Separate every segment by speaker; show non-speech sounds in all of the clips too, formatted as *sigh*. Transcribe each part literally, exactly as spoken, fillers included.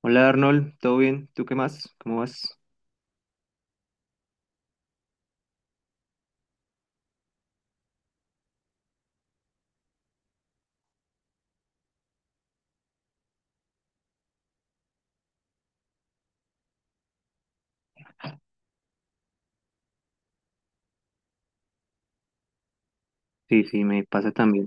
Speaker 1: Hola Arnold, ¿todo bien? ¿Tú qué más? ¿Cómo vas? Sí, sí, me pasa también.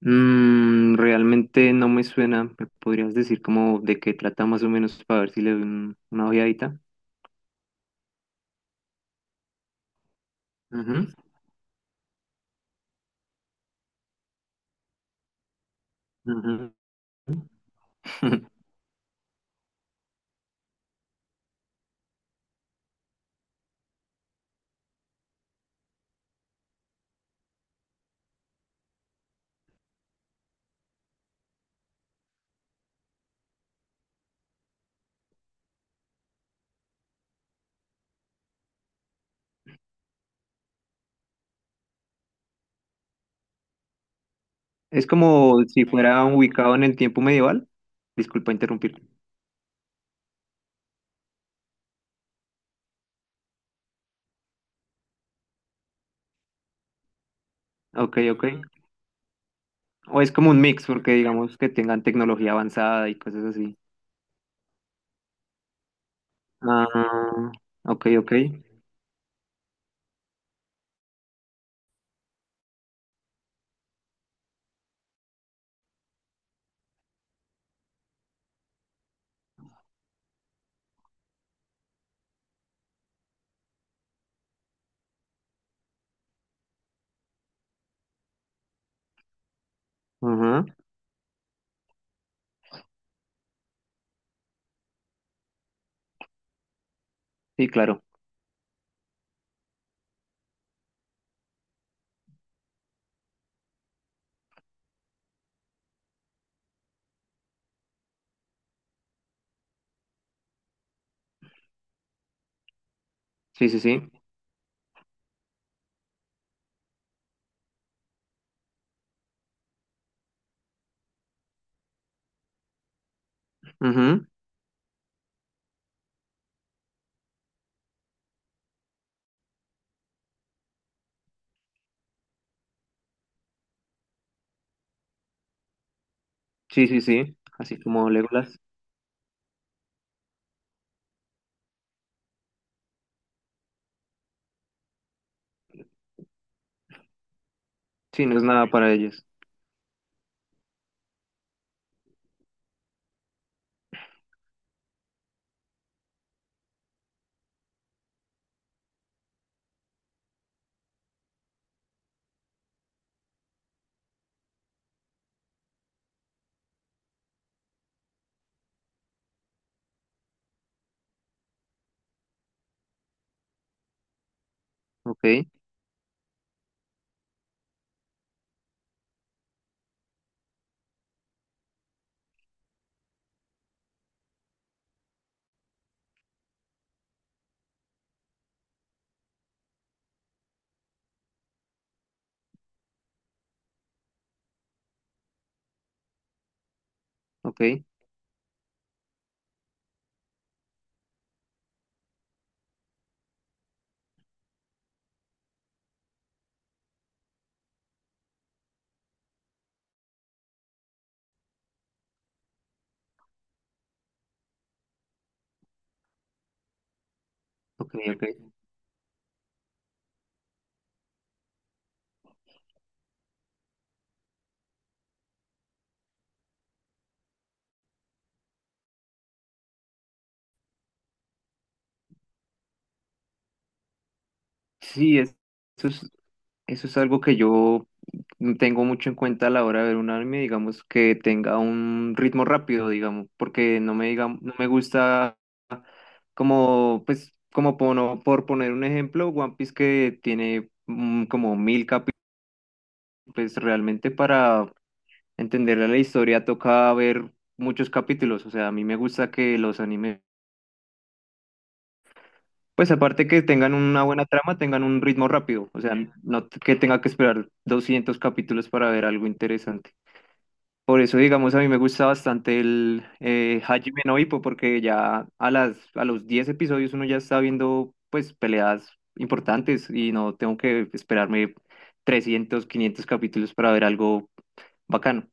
Speaker 1: Mm, realmente no me suena. ¿Me podrías decir como de qué trata más o menos para ver si le doy un- una ojeadita? Ujú, ujú. *laughs* Es como si fuera ubicado en el tiempo medieval. Disculpa interrumpir. Ok, ok. ¿O es como un mix, porque digamos que tengan tecnología avanzada y cosas así? Ah, ok, ok. Ajá. Sí, claro. Sí, sí, sí. Ujú. Sí, sí, sí, así como Legolas. Sí, no es nada para ellos. Ok, ok, ok, ok. Sí, es- eso es, eso es algo que yo tengo mucho en cuenta a la hora de ver un anime, digamos, que tenga un ritmo rápido, digamos, porque no me diga, no me gusta como, pues, como pono- por poner un ejemplo, One Piece que tiene mm, como mil capítulos, pues realmente para entender la historia toca ver muchos capítulos, o sea, a mí me gusta que los animes. Pues aparte que tengan una buena trama, tengan un ritmo rápido, o sea, no t- que tenga que esperar doscientos capítulos para ver algo interesante. Por eso, digamos, a mí me gusta bastante el eh, Hajime no Ippo, porque ya a las, a los diez episodios uno ya está viendo, pues, peleas importantes y no tengo que esperarme trescientos, quinientos capítulos para ver algo bacano.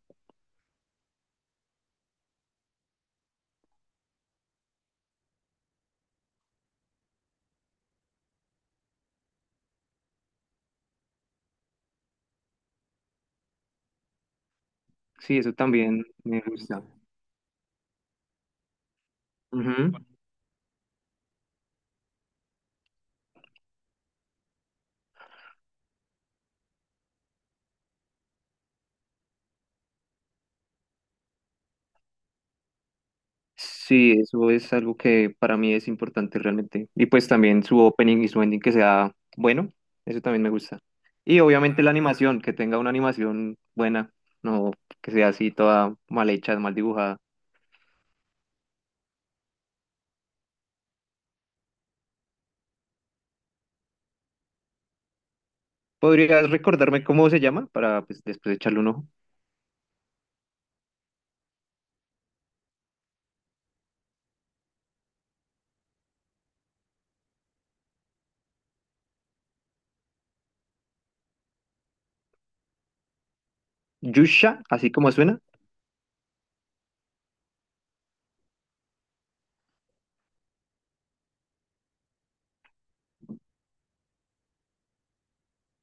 Speaker 1: Sí, eso también me gusta. Sí, eso es algo que para mí es importante realmente. Y pues también su opening y su ending que sea bueno, eso también me gusta. Y obviamente la animación, que tenga una animación buena, no que sea así toda mal hecha, mal dibujada. ¿Podrías recordarme cómo se llama para pues, después echarle un ojo? Yusha, así como suena.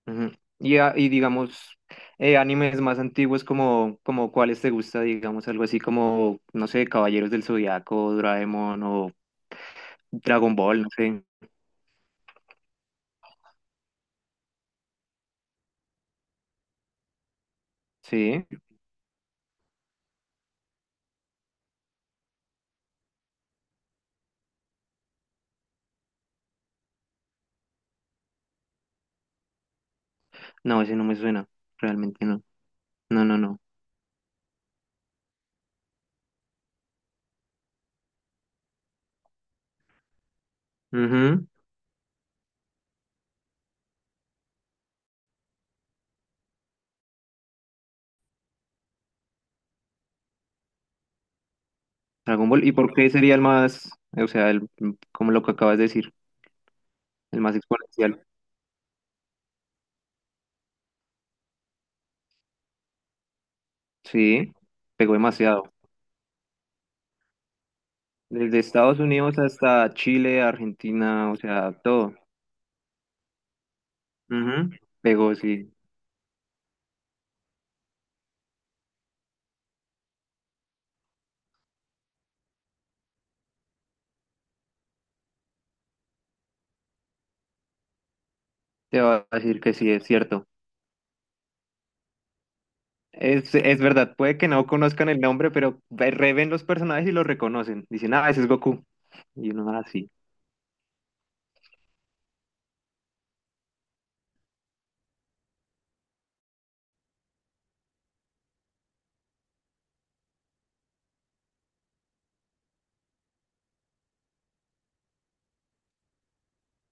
Speaker 1: Ujú. Y, a- y digamos, eh, animes más antiguos como, como cuáles te gusta, digamos, algo así como, no sé, Caballeros del Zodiaco, Doraemon o Dragon Ball, no sé. Sí, no, ese no me suena, realmente no. No, no, no. Ujú. Dragon Ball, ¿y por qué sería el más, o sea, el, como lo que acabas de decir, el más exponencial? Sí, pegó demasiado. Desde Estados Unidos hasta Chile, Argentina, o sea, todo. Ujú. Pegó, sí. Te va a decir que sí, es cierto. Es, es verdad, puede que no conozcan el nombre, pero ve- reven los personajes y los reconocen. Dicen, ah, ese es Goku. Y uno así.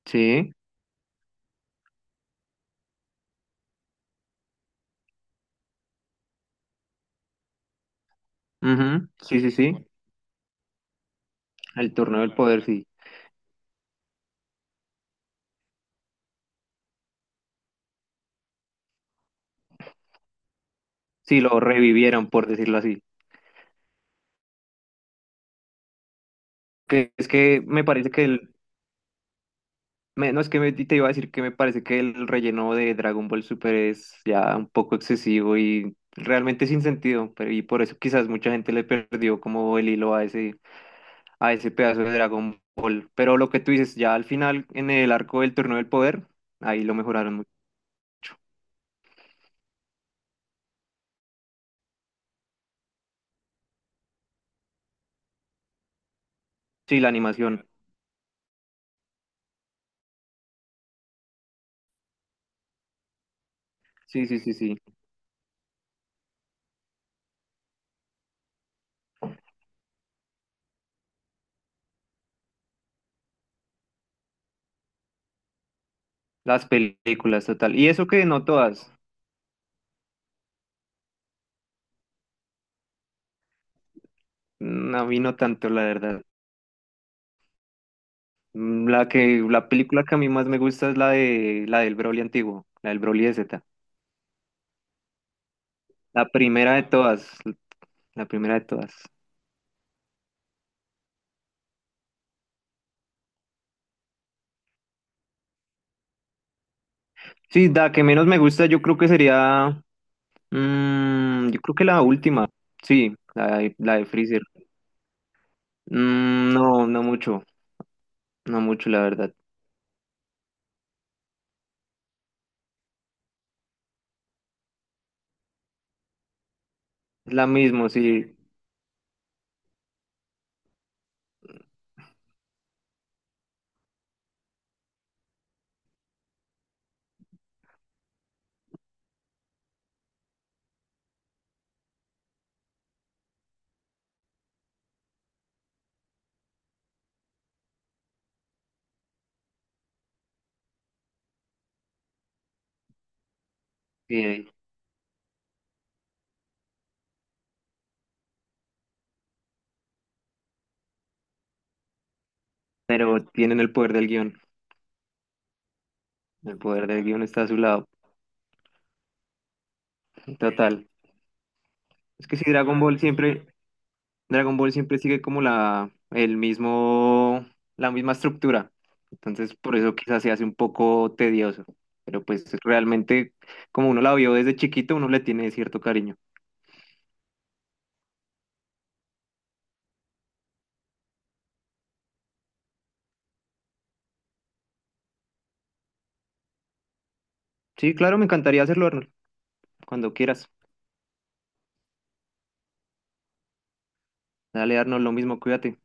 Speaker 1: Sí, ujú, sí, sí, sí. Bueno, el torneo del claro. Poder, sí. Sí, lo revivieron, por decirlo así. Que es que me parece que el. Me- no, es que me- te iba a decir que me parece que el relleno de Dragon Ball Super es ya un poco excesivo y realmente sin sentido. Pero, y por eso quizás mucha gente le perdió como el hilo a ese. A ese pedazo de Dragon Ball. Pero lo que tú dices, ya al final, en el arco del Torneo del Poder, ahí lo mejoraron mucho. Sí, la animación. Sí, sí, sí, sí. Las películas, total. Y eso que no todas. Mm, a mí no tanto, la verdad. Mm, la que, la película que a mí más me gusta es la de, la del Broly antiguo, la del Broly de Z. La primera de todas. La primera de todas. Sí, la que menos me gusta yo creo que sería... Mm, yo creo que la última. Sí, la de, la de Freezer. Mm, no, no mucho. No mucho, la verdad. Es la misma, sí, sí, pero tienen el poder del guión. El poder del guión está a su lado. Total. Es que si Dragon Ball siempre, Dragon Ball siempre sigue como la, el mismo, la misma estructura. Entonces, por eso quizás se hace un poco tedioso. Pero pues realmente, como uno la vio desde chiquito, uno le tiene cierto cariño. Sí, claro, me encantaría hacerlo, Arnold. Cuando quieras. Dale, Arnold, lo mismo, cuídate.